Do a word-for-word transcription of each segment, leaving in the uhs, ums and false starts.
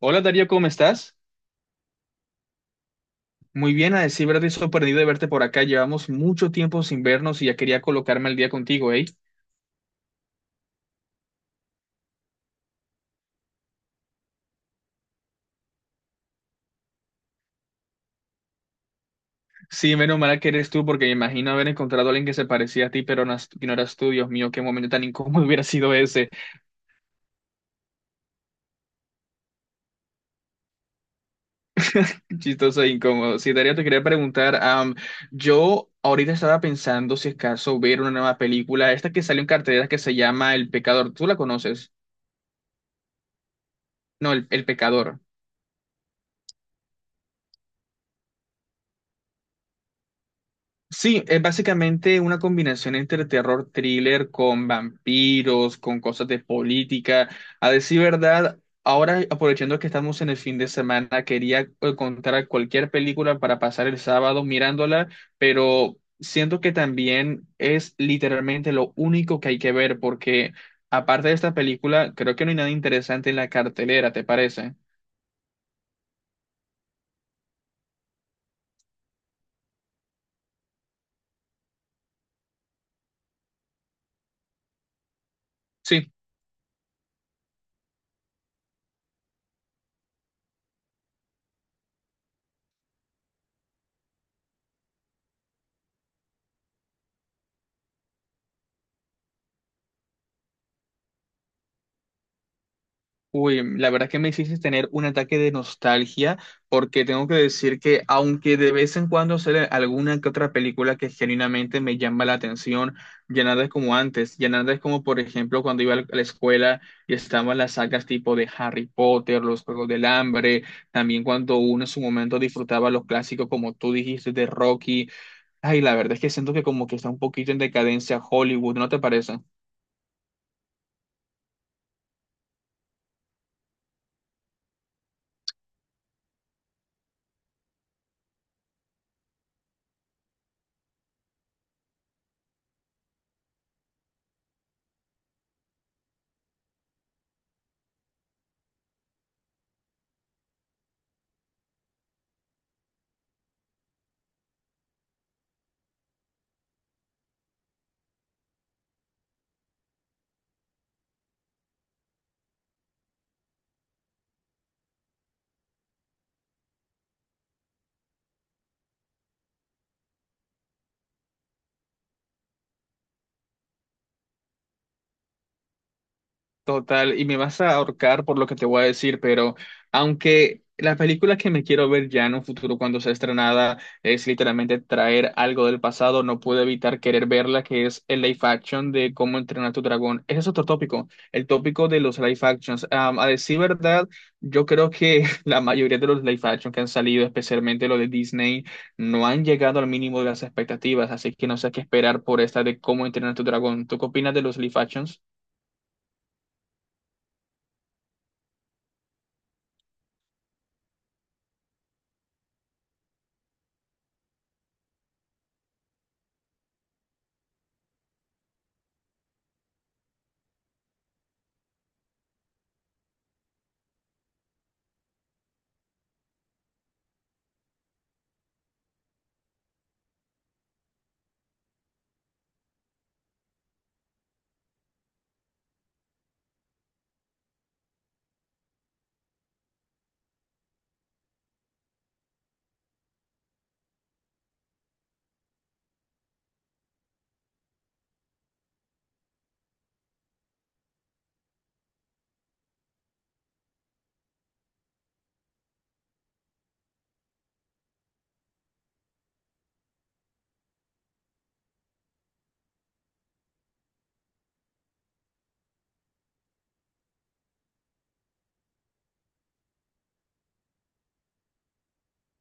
Hola Darío, ¿cómo estás? Muy bien, a decir verdad, estoy sorprendido de verte por acá. Llevamos mucho tiempo sin vernos y ya quería colocarme al día contigo, ¿eh? Sí, menos mal que eres tú, porque me imagino haber encontrado a alguien que se parecía a ti, pero no, que no eras tú. Dios mío, qué momento tan incómodo hubiera sido ese. Chistoso e incómodo. Sí, Darío, te quería preguntar, am, yo ahorita estaba pensando si es caso ver una nueva película, esta que salió en cartelera que se llama El Pecador. ¿Tú la conoces? No, El, El Pecador. Sí, es básicamente una combinación entre terror thriller con vampiros, con cosas de política. A decir verdad, ahora aprovechando que estamos en el fin de semana, quería encontrar cualquier película para pasar el sábado mirándola, pero siento que también es literalmente lo único que hay que ver, porque aparte de esta película, creo que no hay nada interesante en la cartelera, ¿te parece? Sí. Uy, la verdad que me hiciste tener un ataque de nostalgia porque tengo que decir que aunque de vez en cuando sale alguna que otra película que genuinamente me llama la atención, ya nada es como antes, ya nada es como por ejemplo cuando iba a la escuela y estaban las sagas tipo de Harry Potter, los Juegos del Hambre, también cuando uno en su momento disfrutaba los clásicos como tú dijiste de Rocky. Ay, la verdad es que siento que como que está un poquito en decadencia Hollywood, ¿no te parece? Total, y me vas a ahorcar por lo que te voy a decir, pero aunque la película que me quiero ver ya en un futuro cuando sea estrenada es literalmente traer algo del pasado, no pude evitar querer verla, que es el live action de Cómo entrenar a tu dragón. Ese es otro tópico, el tópico de los live actions. Am, a decir verdad, yo creo que la mayoría de los live action que han salido, especialmente los de Disney, no han llegado al mínimo de las expectativas, así que no sé qué esperar por esta de Cómo entrenar a tu dragón. ¿Tú qué opinas de los live actions?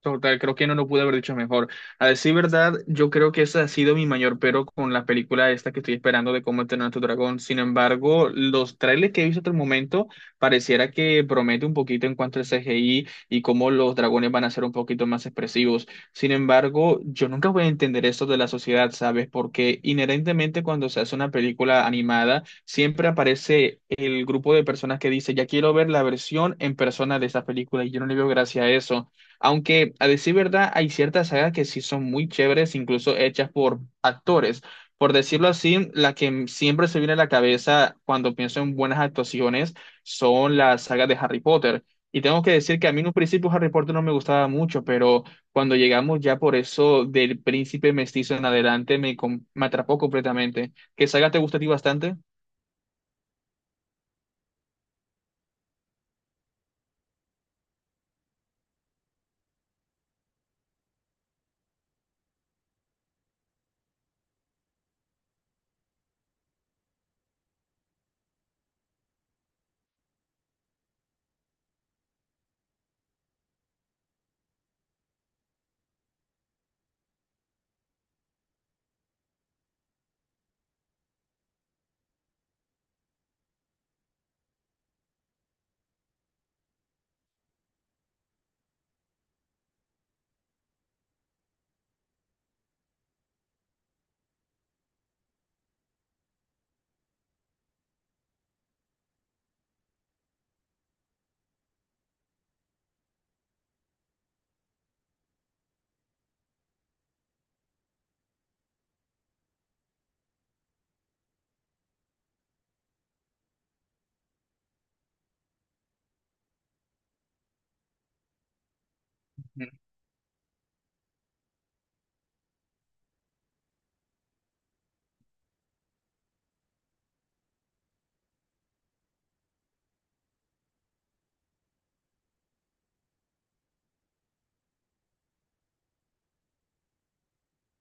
Total, creo que no lo pude haber dicho mejor. A decir verdad, yo creo que ese ha sido mi mayor pero con la película esta que estoy esperando de cómo entrenar a tu dragón. Sin embargo, los trailers que he visto hasta el momento pareciera que promete un poquito en cuanto al C G I y cómo los dragones van a ser un poquito más expresivos. Sin embargo, yo nunca voy a entender esto de la sociedad, ¿sabes? Porque inherentemente cuando se hace una película animada, siempre aparece el grupo de personas que dice, ya quiero ver la versión en persona de esa película y yo no le veo gracia a eso. Aunque a decir verdad, hay ciertas sagas que sí son muy chéveres, incluso hechas por actores. Por decirlo así, la que m- siempre se viene a la cabeza cuando pienso en buenas actuaciones son las sagas de Harry Potter. Y tengo que decir que a mí en un principio Harry Potter no me gustaba mucho, pero cuando llegamos ya por eso del príncipe mestizo en adelante me, com- me atrapó completamente. ¿Qué saga te gusta a ti bastante?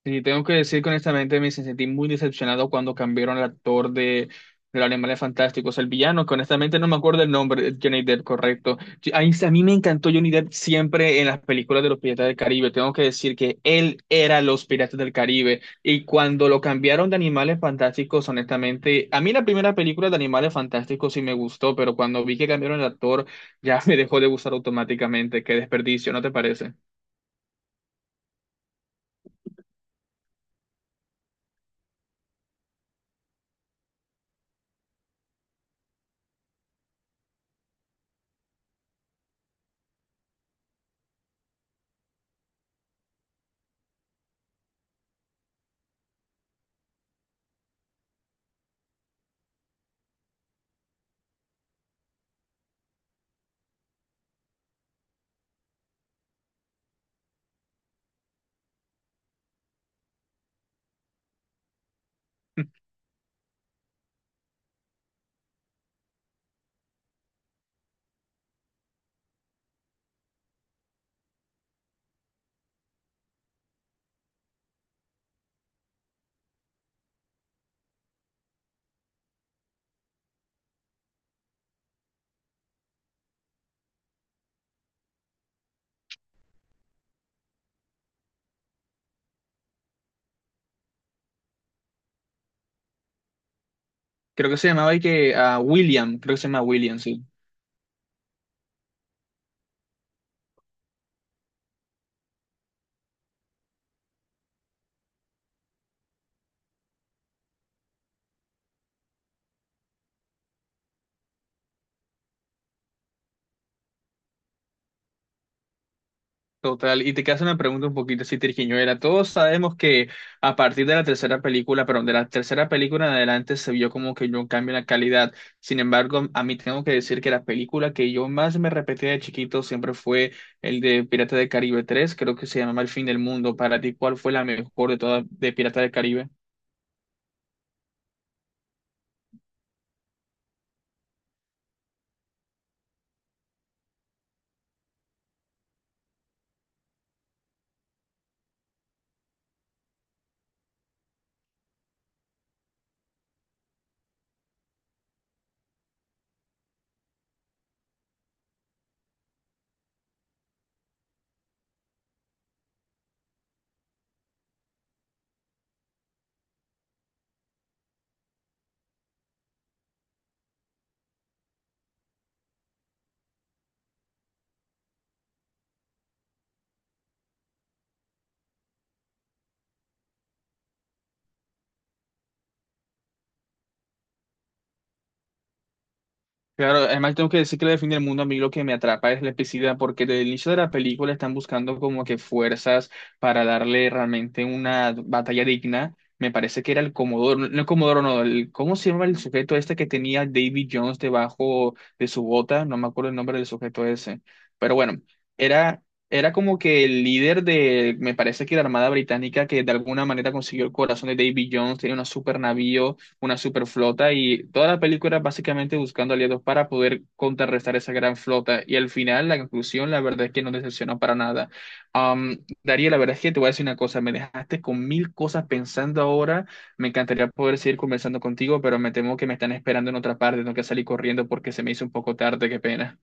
Sí, tengo que decir que honestamente me sentí muy decepcionado cuando cambiaron al actor de, de los Animales Fantásticos, el villano, que honestamente no me acuerdo el nombre, Johnny Depp, correcto. Sí, a mí, a mí me encantó Johnny Depp siempre en las películas de los Piratas del Caribe. Tengo que decir que él era los Piratas del Caribe. Y cuando lo cambiaron de Animales Fantásticos, honestamente, a mí la primera película de Animales Fantásticos sí me gustó, pero cuando vi que cambiaron el actor, ya me dejó de gustar automáticamente. Qué desperdicio, ¿no te parece? Creo que se llamaba y que a William, creo que se llama William, sí. Total, y te queda una pregunta un poquito así era. Todos sabemos que a partir de la tercera película, perdón, de la tercera película en adelante se vio como que yo un cambio en la calidad. Sin embargo, a mí tengo que decir que la película que yo más me repetía de chiquito siempre fue el de Pirata del Caribe tres, creo que se llamaba El fin del mundo. Para ti, ¿cuál fue la mejor de todas de Pirata del Caribe? Claro, además tengo que decir que la define el mundo a mí lo que me atrapa es la epicidad, porque desde el inicio de la película están buscando como que fuerzas para darle realmente una batalla digna. Me parece que era el Comodoro, no no el Comodoro, no, el, ¿cómo se llama el sujeto este que tenía David Jones debajo de su bota? No me acuerdo el nombre del sujeto ese. Pero bueno, era, era como que el líder de, me parece que la Armada Británica que de alguna manera consiguió el corazón de David Jones, tenía un super navío, una super flota, y toda la película básicamente buscando aliados para poder contrarrestar esa gran flota, y al final la conclusión la verdad es que no decepcionó para nada. Am, Darío, la verdad es que te voy a decir una cosa, me dejaste con mil cosas pensando ahora, me encantaría poder seguir conversando contigo, pero me temo que me están esperando en otra parte, tengo que salir corriendo porque se me hizo un poco tarde, qué pena.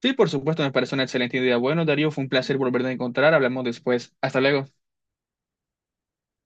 Sí, por supuesto, me parece una excelente idea. Bueno, Darío, fue un placer volverte a encontrar, hablamos después, hasta luego.